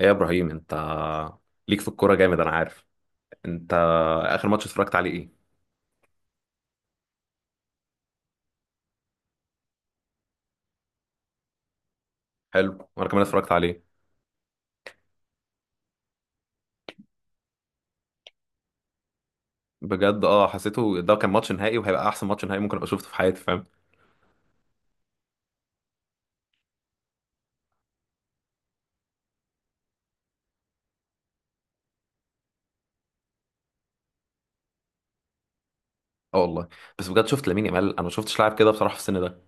ايه يا ابراهيم، انت ليك في الكوره جامد، انا عارف. انت اخر ماتش اتفرجت عليه ايه؟ حلو، وانا كمان اتفرجت عليه. بجد اه، حسيته ده كان ماتش نهائي وهيبقى احسن ماتش نهائي ممكن ابقى شفته في حياتي، فاهم؟ اه والله. بس بجد شفت لامين يامال، انا ما شفتش لاعب كده بصراحه في السن ده.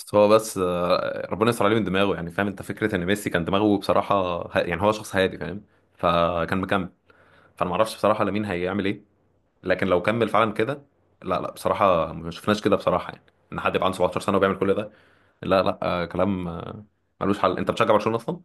بس هو بس آه، ربنا يستر عليه من دماغه يعني، فاهم؟ انت فكره ان ميسي كان دماغه بصراحه يعني هو شخص هادي، فاهم؟ فكان مكمل. فانا ما اعرفش بصراحه لامين هيعمل ايه، لكن لو كمل فعلا كده، لا لا بصراحه ما شفناش كده بصراحه يعني، ان حد يبقى عنده 17 سنه وبيعمل كل ده. لا لا، كلام ملوش حل. انت بتشجع برشلونه اصلا؟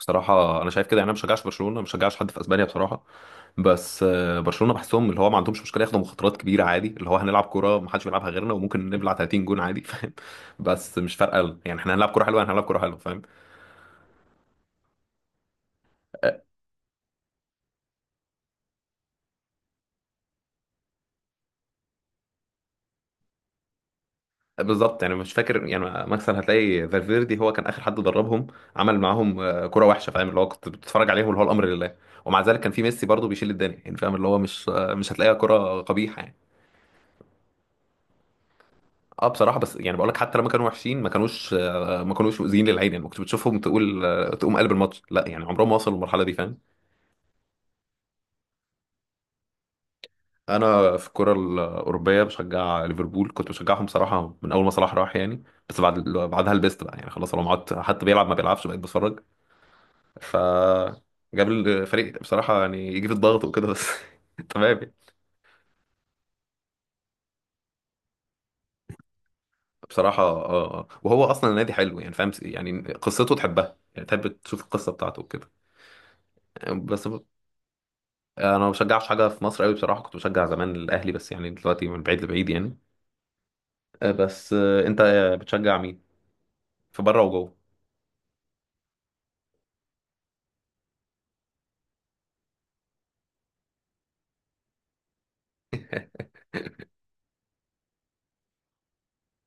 بصراحه انا شايف كده، يعني انا ما بشجعش برشلونه، ما بشجعش حد في اسبانيا بصراحه. بس برشلونه بحسهم اللي هو ما عندهمش مشكله ياخدوا مخاطرات كبيره عادي، اللي هو هنلعب كوره ما حدش بيلعبها غيرنا وممكن نبلع 30 جون عادي فاهم؟ بس مش فارقه يعني، احنا هنلعب كوره حلوه هنلعب كوره حلوه، فاهم؟ آه، بالظبط، يعني مش فاكر يعني مكسل، هتلاقي فالفيردي هو كان اخر حد دربهم. عمل معاهم كوره وحشه، فاهم؟ اللي هو كنت بتتفرج عليهم، اللي هو الامر لله. ومع ذلك كان في ميسي برضه بيشيل الدنيا يعني، فاهم؟ اللي هو مش هتلاقيها كوره قبيحه يعني. اه بصراحه، بس يعني بقول لك حتى لما كانوا وحشين ما كانوش ما كانوش مؤذيين للعين يعني، ما كنت بتشوفهم تقول تقوم قلب الماتش، لا يعني عمرهم ما وصلوا للمرحله دي، فاهم؟ انا في الكره الاوروبيه بشجع ليفربول، كنت بشجعهم صراحه من اول ما صلاح راح يعني. بس بعدها لبست بقى يعني، خلاص لو قعدت حتى بيلعب ما بيلعبش بقيت بتفرج. ف جاب الفريق بصراحه يعني، يجي في الضغط وكده بس تمام يعني. بصراحه اه وهو اصلا النادي حلو يعني، فاهم؟ يعني قصته تحبها، يعني تحب تشوف القصه بتاعته وكده. بس انا ما بشجعش حاجه في مصر قوي بصراحه، كنت بشجع زمان الاهلي بس، يعني دلوقتي من بعيد لبعيد يعني. بس انت بتشجع مين في بره وجوه؟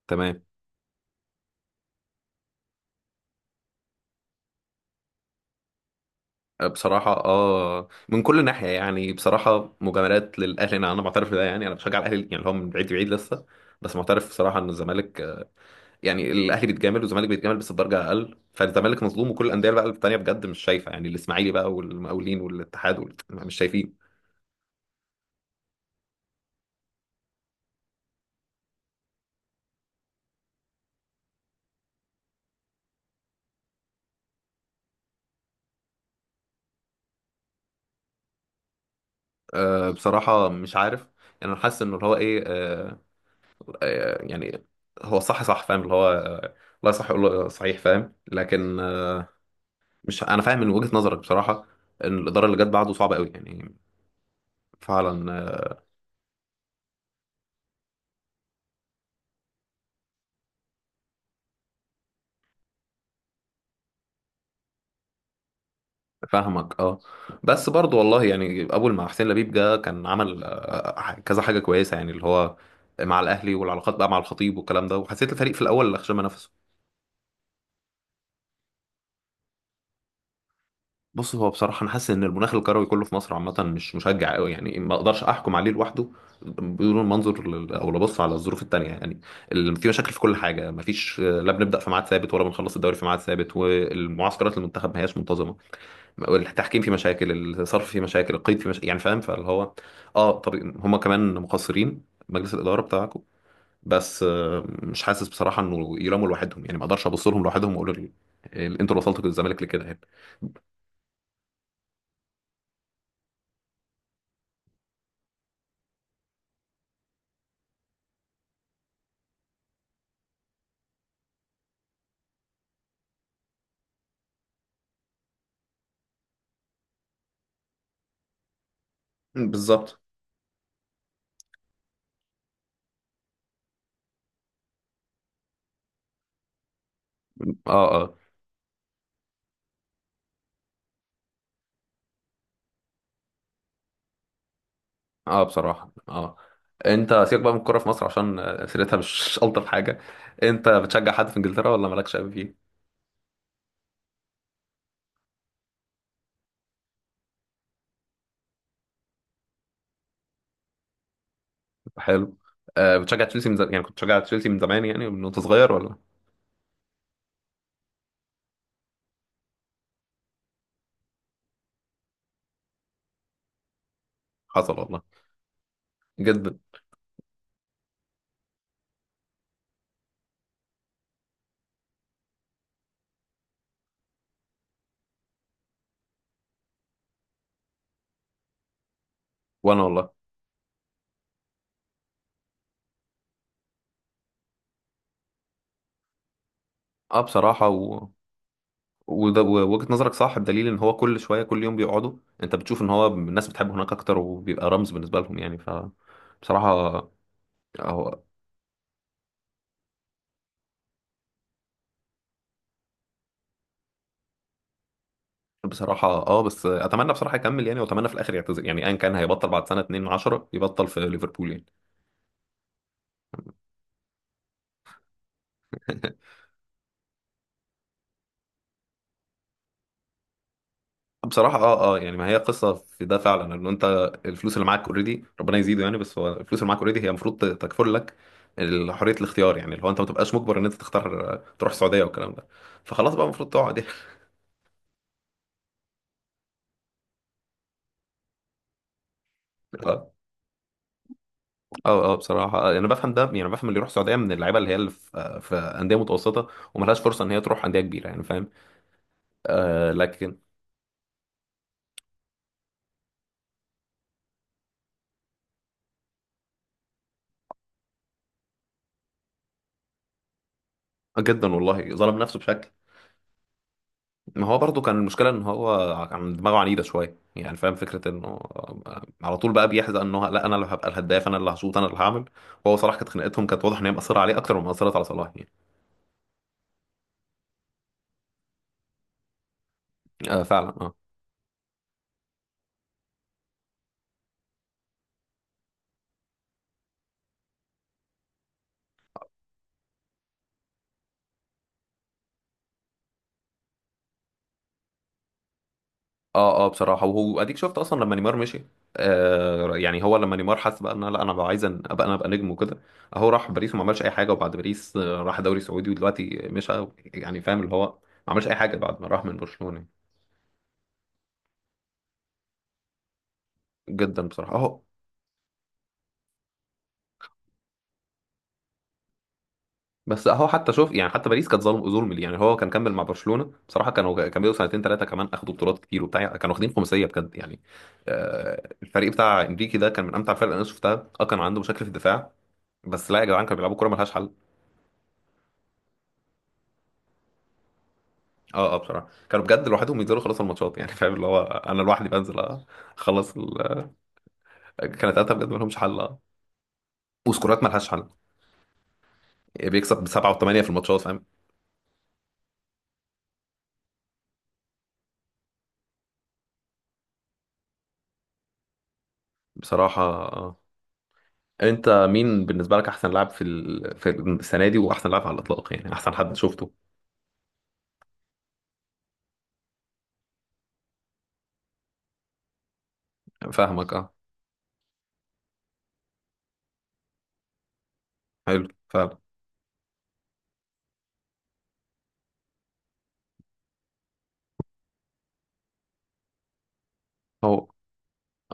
تمام. بصراحه اه، من كل ناحيه يعني بصراحه، مجاملات للاهلي. انا معترف بده، يعني انا بشجع الاهلي يعني، اللي هو من بعيد لبعيد لسه. بس معترف بصراحه ان الزمالك يعني الاهلي بيتجامل والزمالك بيتجامل بس بدرجه اقل، فالزمالك مظلوم. وكل الانديه بقى التانيه بجد مش شايفه، يعني الاسماعيلي بقى والمقاولين والاتحاد مش شايفين. بصراحه مش عارف، يعني انا حاسس انه اللي هو ايه يعني هو صح صح، فاهم؟ اللي هو لا صح يقول له صحيح، فاهم؟ لكن مش انا فاهم من وجهة نظرك بصراحة، ان الإدارة اللي جت بعده صعبة قوي يعني. فعلا فاهمك اه. بس برضو والله يعني، اول ما حسين لبيب جه كان عمل كذا حاجة كويسة يعني، اللي هو مع الاهلي والعلاقات بقى مع الخطيب والكلام ده، وحسيت الفريق في الاول اللي خشم نفسه. بص هو بصراحة أنا حاسس إن المناخ الكروي كله في مصر عامة مش مشجع أوي يعني، ما أقدرش أحكم عليه لوحده بدون المنظر أو لبص على الظروف التانية يعني. في مشاكل في كل حاجة، ما فيش لا بنبدأ في ميعاد ثابت ولا بنخلص الدوري في ميعاد ثابت، والمعسكرات المنتخب ما هياش منتظمة. التحكيم فيه مشاكل، الصرف فيه مشاكل، القيد فيه مشاكل، يعني فاهم؟ فاللي هو أه، طب هما كمان مقصرين مجلس الإدارة بتاعكم. بس مش حاسس بصراحة إنه يلاموا لوحدهم يعني، ما أقدرش أبص لهم لوحدهم وأقول أنتوا اللي وصلتوا الزمالك لكده يعني. بالظبط اه اه بصراحة اه. انت سيبك بقى من الكورة في مصر عشان سيرتها مش ألطف حاجة. انت بتشجع حد في انجلترا ولا مالكش قوي فيه؟ حلو آه، بتشجع تشيلسي من زمان يعني، كنت بتشجع تشيلسي من زمان يعني من وانت صغير ولا؟ حصل والله. جدا. وانا والله اه بصراحة وده ووجهة نظرك صح، بدليل ان هو كل شوية كل يوم بيقعدوا. انت بتشوف ان هو الناس بتحبه هناك اكتر وبيبقى رمز بالنسبة لهم، يعني ف بصراحة هو بصراحة اه. بس اتمنى بصراحة يكمل يعني، واتمنى في الاخر يعتزل يعني ايا كان، هيبطل بعد سنة 2 10 يبطل في ليفربول يعني. بصراحة اه اه، يعني ما هي قصة في ده فعلا، ان انت الفلوس اللي معاك اوريدي ربنا يزيده يعني، بس هو الفلوس اللي معاك اوريدي هي المفروض تكفل لك حرية الاختيار، يعني اللي هو انت ما تبقاش مجبر ان انت تختار تروح السعودية والكلام ده، فخلاص بقى المفروض تقعد يعني. اه اه بصراحة يعني انا بفهم ده، يعني بفهم اللي يروح السعودية من اللعيبة اللي هي اللي في في أندية متوسطة وملهاش فرصة ان هي تروح أندية كبيرة، يعني فاهم؟ آه لكن جدا والله ظلم نفسه بشكل. ما هو برضه كان المشكلة ان هو كان دماغه عنيدة شوية يعني، فاهم؟ فكرة انه على طول بقى بيحزق انه لا انا اللي هبقى الهداف، انا اللي هشوط، انا اللي هعمل. وهو صراحة كانت خناقتهم كانت واضح ان هي مأثرة عليه اكتر ما مأثرت على صلاح يعني. آه فعلا اه اه اه بصراحة. وهو اديك شفت اصلا لما نيمار مشي، آه يعني هو لما نيمار حس بقى ان لا انا بقى عايز ابقى انا ابقى نجم وكده. اهو راح باريس وما عملش اي حاجة، وبعد باريس راح دوري سعودي ودلوقتي مشى، يعني فاهم؟ اللي هو ما عملش اي حاجة بعد ما راح من برشلونة يعني. جدا بصراحة اهو. بس اهو حتى شوف يعني، حتى باريس كانت ظلم، ظلم ليه يعني؟ هو كان كمل مع برشلونه بصراحه كانوا كملوا سنتين ثلاثه كمان، اخدوا بطولات كتير وبتاع يعني، كانوا واخدين خماسيه بجد يعني. الفريق بتاع انريكي ده كان من امتع الفرق اللي انا شفتها اه، كان عنده مشاكل في الدفاع بس لا يا جدعان كانوا بيلعبوا كوره ملهاش حل اه. اه بصراحه كانوا بجد لوحدهم ينزلوا خلاص الماتشات، يعني فاهم؟ اللي هو انا لوحدي بنزل اخلص كانت قاعده بجد ملهمش حل اه. وسكورات ملهاش حل يعني، بيكسب بسبعه وثمانيه في الماتشات، فاهم؟ بصراحه انت مين بالنسبه لك احسن لاعب في في السنه دي، واحسن لاعب على الاطلاق يعني، احسن حد شفته؟ فاهمك اه. حلو فعلا. هو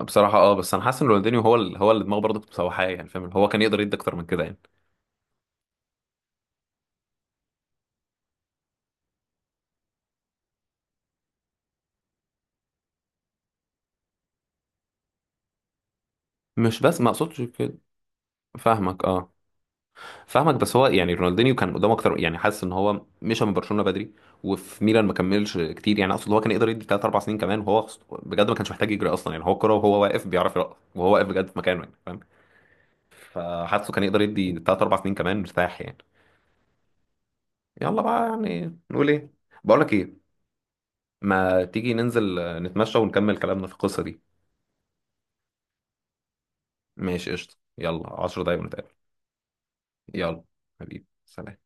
بصراحه اه، بس انا حاسس ان رونالدينيو هو هو اللي دماغه برضه كانت مسوحاه يعني، فاهم؟ هو كان يقدر يدي اكتر من كده يعني. مش بس ما اقصدش كده. فاهمك اه، فاهمك. بس هو يعني رونالدينيو كان قدامه اكتر يعني، حاسس ان هو مشى من برشلونه بدري وفي ميلان ما كملش كتير يعني. اقصد هو كان يقدر يدي 3 4 سنين كمان، وهو بجد ما كانش محتاج يجري اصلا، يعني هو الكوره وهو واقف بيعرف يرقص وهو واقف بجد في مكانه، يعني فاهم؟ فحاسه كان يقدر يدي 3 4 سنين كمان مرتاح يعني. يلا بقى، يعني نقول إيه؟ بقول لك إيه، ما تيجي ننزل نتمشى ونكمل كلامنا في القصة دي؟ ماشي قشطة، يلا 10 دقايق ونتقابل. يلا، حبيبي سلام